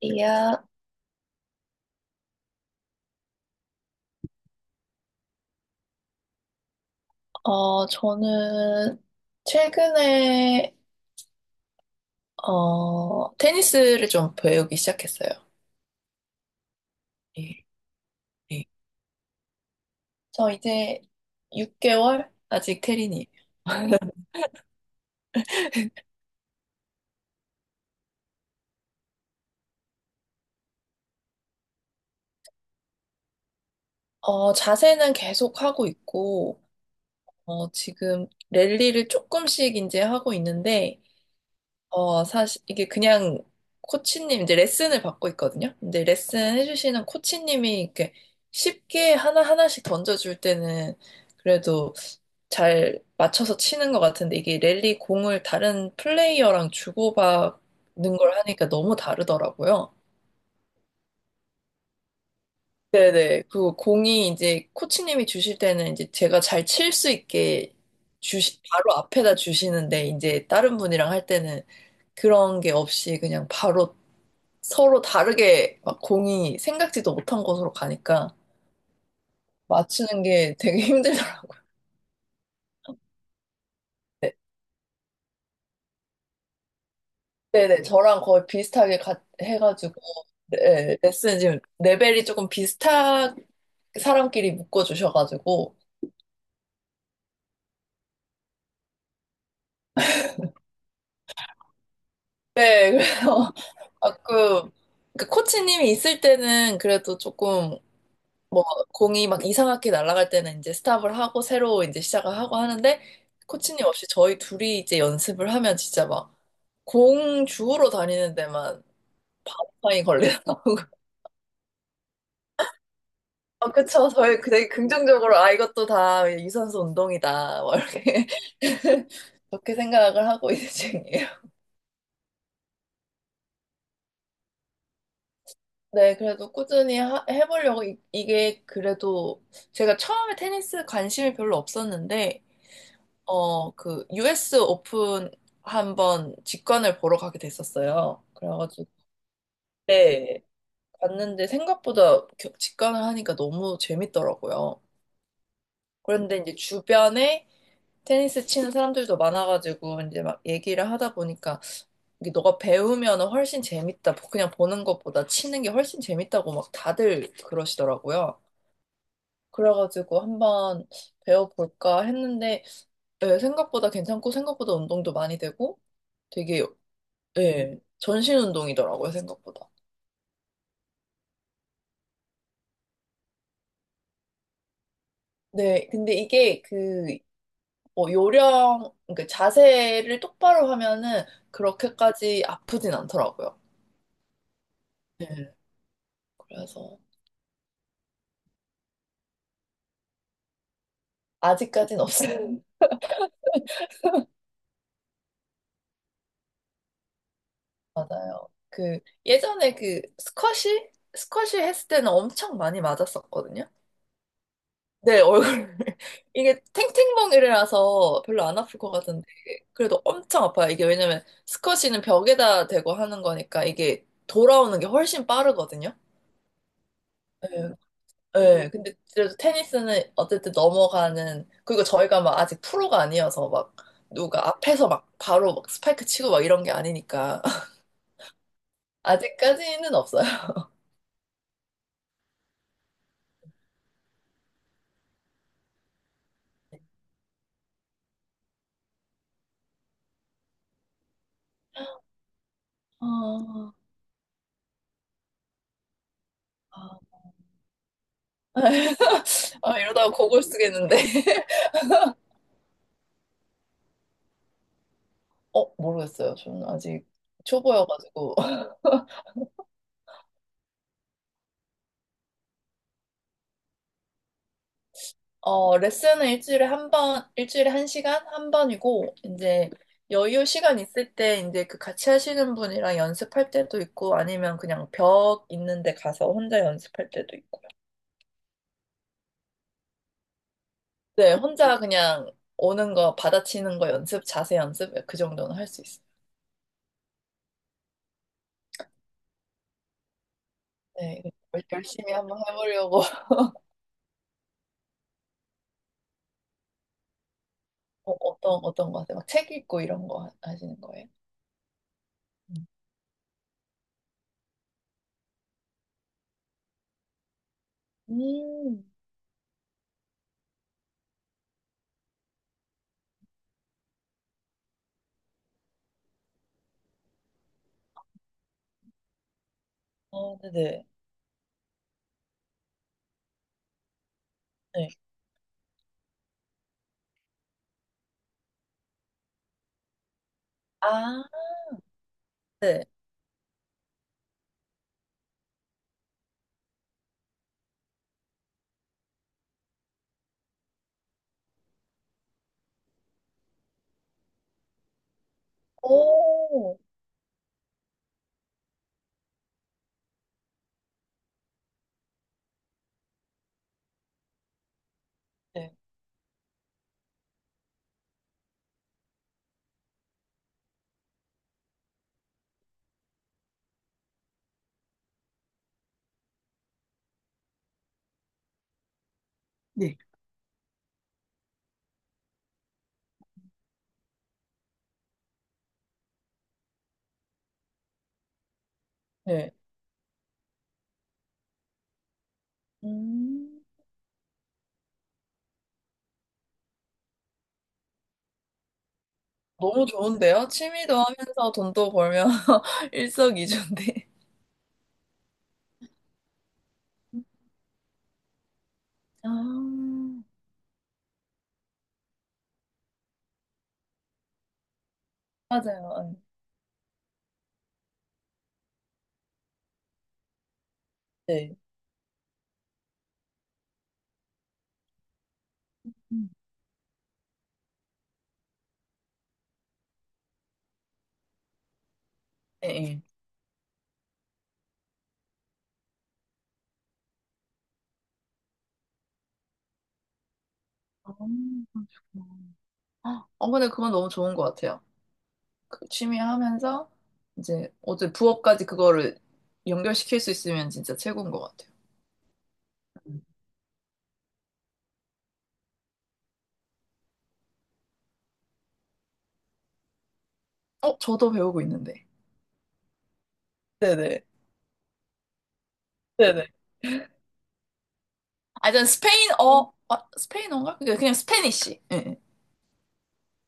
이야, 저는 최근에, 테니스를 좀 배우기 시작했어요. 예, 예. 저 이제 6개월? 아직 테린이에요. 자세는 계속 하고 있고, 지금 랠리를 조금씩 이제 하고 있는데, 사실 이게 그냥 코치님 이제 레슨을 받고 있거든요. 근데 레슨 해주시는 코치님이 이렇게 쉽게 하나하나씩 던져줄 때는 그래도 잘 맞춰서 치는 것 같은데 이게 랠리 공을 다른 플레이어랑 주고받는 걸 하니까 너무 다르더라고요. 네네. 그 공이 이제 코치님이 주실 때는 이제 제가 잘 칠 수 있게 주시, 바로 앞에다 주시는데 이제 다른 분이랑 할 때는 그런 게 없이 그냥 바로 서로 다르게 막 공이 생각지도 못한 곳으로 가니까 맞추는 게 되게 힘들더라고요. 네, 네네, 저랑 거의 비슷하게 해가지고 네, 네, 레슨 지금 레벨이 조금 비슷한 사람끼리 묶어주셔가지고 네, 그래서 가끔 그 코치님이 있을 때는 그래도 조금 뭐 공이 막 이상하게 날아갈 때는 이제 스탑을 하고 새로 이제 시작을 하고 하는데 코치님 없이 저희 둘이 이제 연습을 하면 진짜 막 공 주우러 다니는 데만 반파이 걸리더라고. 아, 그쵸. 저희 되게 긍정적으로 아 이것도 다 유산소 운동이다. 뭐 이렇게 그렇게 생각을 하고 있는 중이에요. 네, 그래도 꾸준히 해보려고 이게 그래도 제가 처음에 테니스 관심이 별로 없었는데 어, 그, US 오픈 한번 직관을 보러 가게 됐었어요. 그래가지고, 그때 갔는데 생각보다 직관을 하니까 너무 재밌더라고요. 그런데 이제 주변에 테니스 치는 사람들도 많아가지고, 이제 막 얘기를 하다 보니까, 이게 너가 배우면 훨씬 재밌다. 그냥 보는 것보다 치는 게 훨씬 재밌다고 막 다들 그러시더라고요. 그래가지고 한번 배워볼까 했는데, 네, 생각보다 괜찮고, 생각보다 운동도 많이 되고, 되게 예, 전신 운동이더라고요, 생각보다. 네, 근데 이게 그, 뭐, 요령, 그러니까 자세를 똑바로 하면은 그렇게까지 아프진 않더라고요. 네, 그래서 아직까진 없어요. 맞아요. 그, 예전에 그, 스쿼시? 스쿼시 했을 때는 엄청 많이 맞았었거든요. 네, 얼굴. 이게 탱탱멍이라서 별로 안 아플 것 같은데, 그래도 엄청 아파요. 이게 왜냐면 스쿼시는 벽에다 대고 하는 거니까 이게 돌아오는 게 훨씬 빠르거든요. 예, 예. 근데 그래도 테니스는 어쨌든 넘어가는, 그리고 저희가 막 아직 프로가 아니어서 막 누가 앞에서 막 바로 막 스파이크 치고 막 이런 게 아니니까. 아직까지는 없어요. 아, 아. 아, 이러다가 고글 쓰겠는데. 모르겠어요. 저는 아직 초보여가지고. 어, 레슨은 일주일에 한 번, 일주일에 한 시간? 한 번이고, 이제 여유 시간 있을 때 이제 그 같이 하시는 분이랑 연습할 때도 있고, 아니면 그냥 벽 있는데 가서 혼자 연습할 때도 있고요. 네, 혼자 그냥 오는 거, 받아치는 거 연습, 자세 연습, 그 정도는 할 수 있어요. 네, 열심히 한번 해보려고. 어떤, 어떤 거 하세요? 막 책 읽고 이런 거 하시는 거예요? 음, 어, 네네. 네. 아, 네. 오, 네. 네. 네. 음. 너무 좋은데요? 취미도 하면서 돈도 벌면 일석이조인데. 아, 맞아요. 네. 음. 예, 예. 아, 그러시구나. 아, 근데 그건 너무 좋은 것 같아요. 그 취미 하면서 이제 어제 부업까지 그거를 연결시킬 수 있으면 진짜 최고인 것 같아요. 음. 저도 배우고 있는데. 네네. 네네. 아, 전 스페인어, 아, 스페인어인가? 그냥 스페니쉬. 예, 예.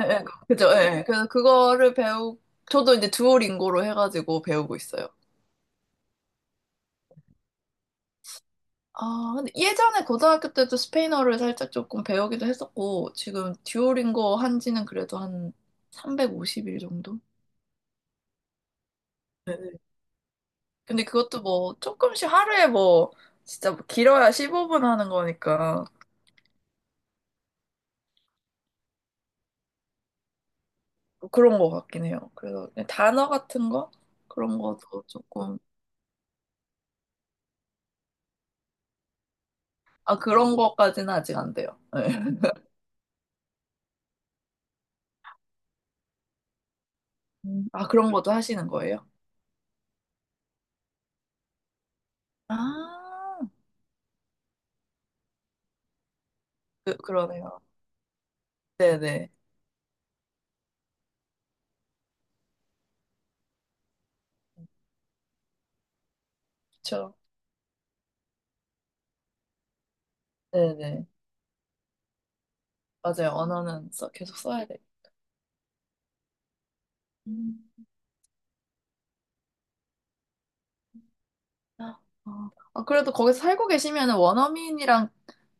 예, 예, 그죠, 예. 예. 그래서 그거를 배우, 저도 이제 두오링고로 해가지고 배우고 있어요. 아, 근데 예전에 고등학교 때도 스페인어를 살짝 조금 배우기도 했었고, 지금 듀오링고 한 지는 그래도 한 350일 정도? 네. 근데 그것도 뭐 조금씩 하루에 뭐, 진짜 뭐 길어야 15분 하는 거니까 뭐 그런 거 같긴 해요. 그래서 그냥 단어 같은 거? 그런 것도 조금, 아, 그런 것까지는 아직 안 돼요. 네. 음. 아, 그런 것도 하시는 거예요? 아. 그러네요. 네네. 그쵸? 네네. 맞아요. 언어는 써, 계속 써야 돼요. 음. 아, 아, 그래도 거기서 살고 계시면 원어민이랑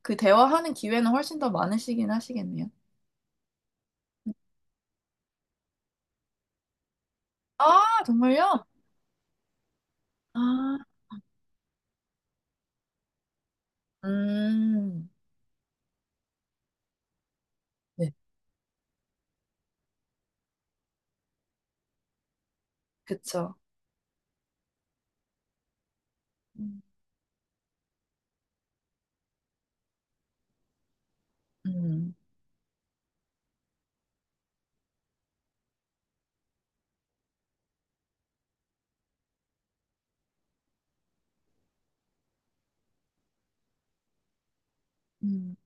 그 대화하는 기회는 훨씬 더 많으시긴 하시겠네요. 아, 정말요? 아, 음, 네, 그쵸. 음. 음, 음,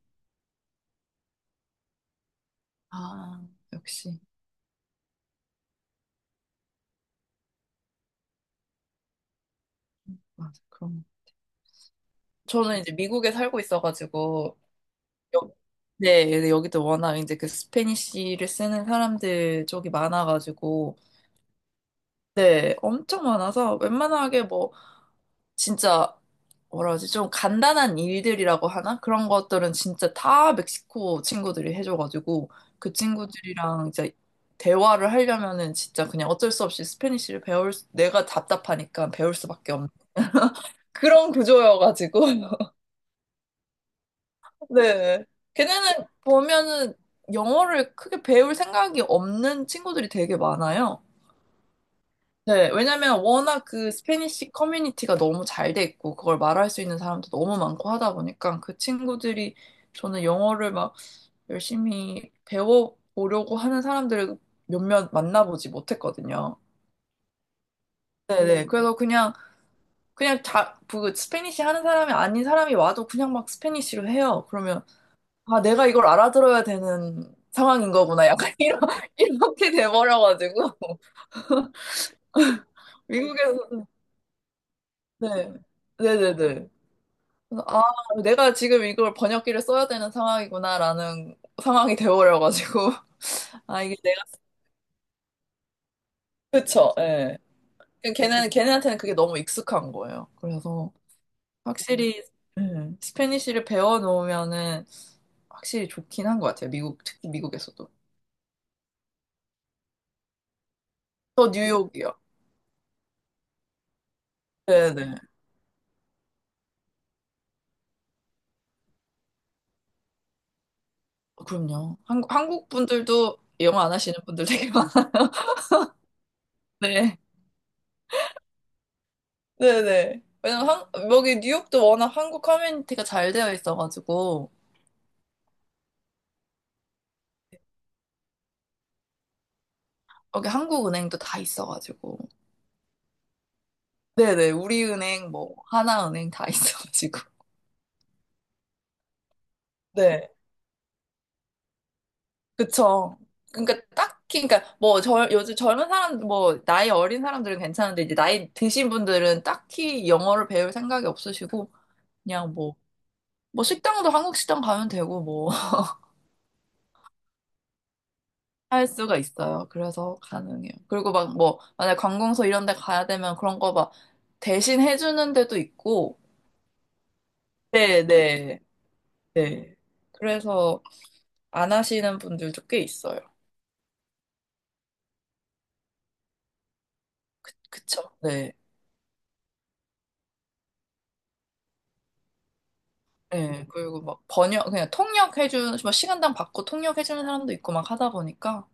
아, 역시. 맞아, 그럼. 저는 이제 미국에 살고 있어가지고, 여, 네, 네, 여기도 워낙 이제 그 스페니쉬를 쓰는 사람들 쪽이 많아가지고, 네, 엄청 많아서 웬만하게 뭐 진짜 뭐라 하지 좀 간단한 일들이라고 하나? 그런 것들은 진짜 다 멕시코 친구들이 해줘가지고 그 친구들이랑 이제 대화를 하려면은 진짜 그냥 어쩔 수 없이 스페니쉬를 내가 답답하니까 배울 수밖에 없는 그런 구조여가지고 네. 걔네는 보면은 영어를 크게 배울 생각이 없는 친구들이 되게 많아요. 네, 왜냐면 워낙 그 스페니쉬 커뮤니티가 너무 잘 돼 있고 그걸 말할 수 있는 사람도 너무 많고 하다 보니까 그 친구들이 저는 영어를 막 열심히 배워보려고 하는 사람들을 몇몇 만나보지 못했거든요. 네네. 음. 그래서 그냥, 그냥 자, 그 스페니쉬 하는 사람이 아닌 사람이 와도 그냥 막 스페니쉬로 해요. 그러면, 아, 내가 이걸 알아들어야 되는 상황인 거구나. 약간 이런, 이렇게 돼버려가지고. 미국에서, 네. 네네네. 그래서 아, 내가 지금 이걸 번역기를 써야 되는 상황이구나라는 상황이 되어버려가지고. 아, 이게 내가, 그쵸, 예. 그냥 걔는, 걔네한테는 그게 너무 익숙한 거예요. 그래서 확실히, 예, 스페니쉬를 배워놓으면은 확실히 좋긴 한 것 같아요. 미국, 특히 미국에서도. 저 뉴욕이요. 네네. 그럼요. 한, 한국 분들도 영어 안 하시는 분들 되게 많은데. 네네. 왜냐면 한, 여기 뉴욕도 워낙 한국 커뮤니티가 잘 되어 있어가지고. 여기 한국은행도 다 있어가지고. 네네, 우리은행, 뭐, 하나은행 다 있어가지고. 네, 그쵸. 그러니까 딱히, 그러니까 뭐, 저, 요즘 젊은 사람, 뭐, 나이 어린 사람들은 괜찮은데, 이제 나이 드신 분들은 딱히 영어를 배울 생각이 없으시고, 그냥 뭐, 뭐, 식당도 한국 식당 가면 되고, 뭐, 할 수가 있어요. 그래서 가능해요. 그리고 막 뭐, 만약 관공서 이런 데 가야 되면 그런 거 막, 대신 해주는 데도 있고, 네네, 네. 네, 네. 그래서 안 하시는 분들도 꽤 있어요. 그쵸? 네. 네. 그리고 막 번역, 그냥 통역해주는, 뭐 시간당 받고 통역해주는 사람도 있고 막 하다 보니까.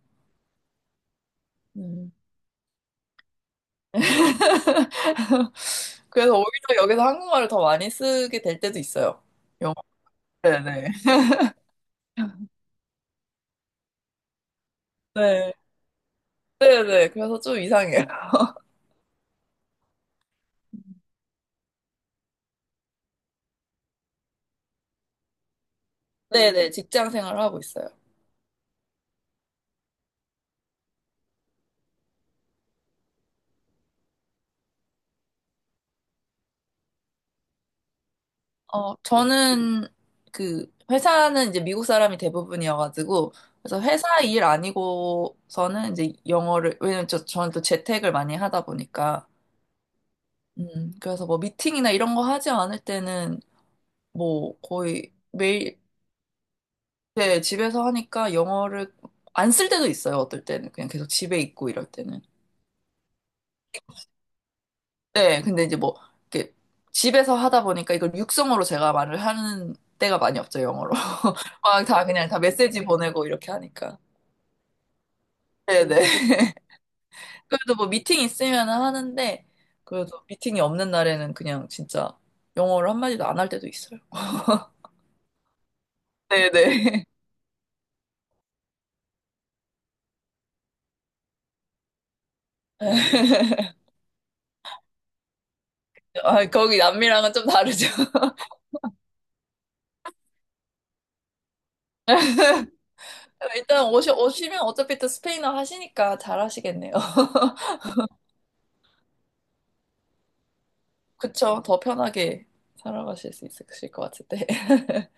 음. 그래서 오히려 여기서 한국말을 더 많이 쓰게 될 때도 있어요. 영어. 네네. 네. 네네. 그래서 좀 이상해요. 네네. 직장 생활을 하고 있어요. 저는 그, 회사는 이제 미국 사람이 대부분이어가지고, 그래서 회사 일 아니고서는 이제 영어를, 왜냐면 저, 저는 또 재택을 많이 하다 보니까, 그래서 뭐 미팅이나 이런 거 하지 않을 때는 뭐 거의 매일 네, 집에서 하니까 영어를 안 쓸 때도 있어요. 어떨 때는 그냥 계속 집에 있고 이럴 때는. 네, 근데 이제 뭐 이렇게 집에서 하다 보니까 이걸 육성으로 제가 말을 하는 때가 많이 없죠, 영어로. 막 다 그냥 다 메시지 보내고 이렇게 하니까. 네네. 그래도 뭐 미팅 있으면 하는데 그래도 미팅이 없는 날에는 그냥 진짜 영어를 한마디도 안 할 때도 있어요. 네네. 아, 거기 남미랑은 좀 다르죠. 일단 오시, 오시면 어차피 또 스페인어 하시니까 잘 하시겠네요. 그쵸? 더 편하게 살아가실 수 있으실 것 같은데.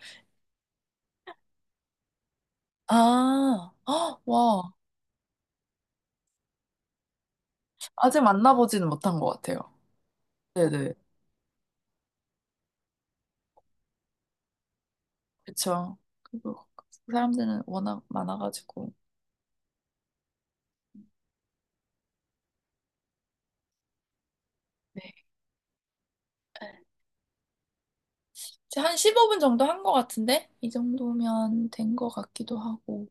아, 헉, 와. 아직 만나보지는 못한 것 같아요. 네네. 그쵸. 그리고 사람들은 워낙 많아가지고. 네. 이제 한 15분 정도 한 것 같은데? 이 정도면 된 것 같기도 하고.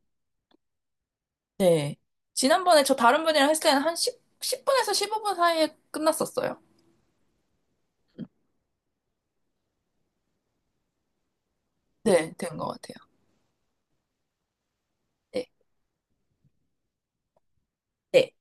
네. 지난번에 저 다른 분이랑 했을 때는 한 10분에서 15분 사이에 끝났었어요. 네, 된 것 같아요. 네. 네.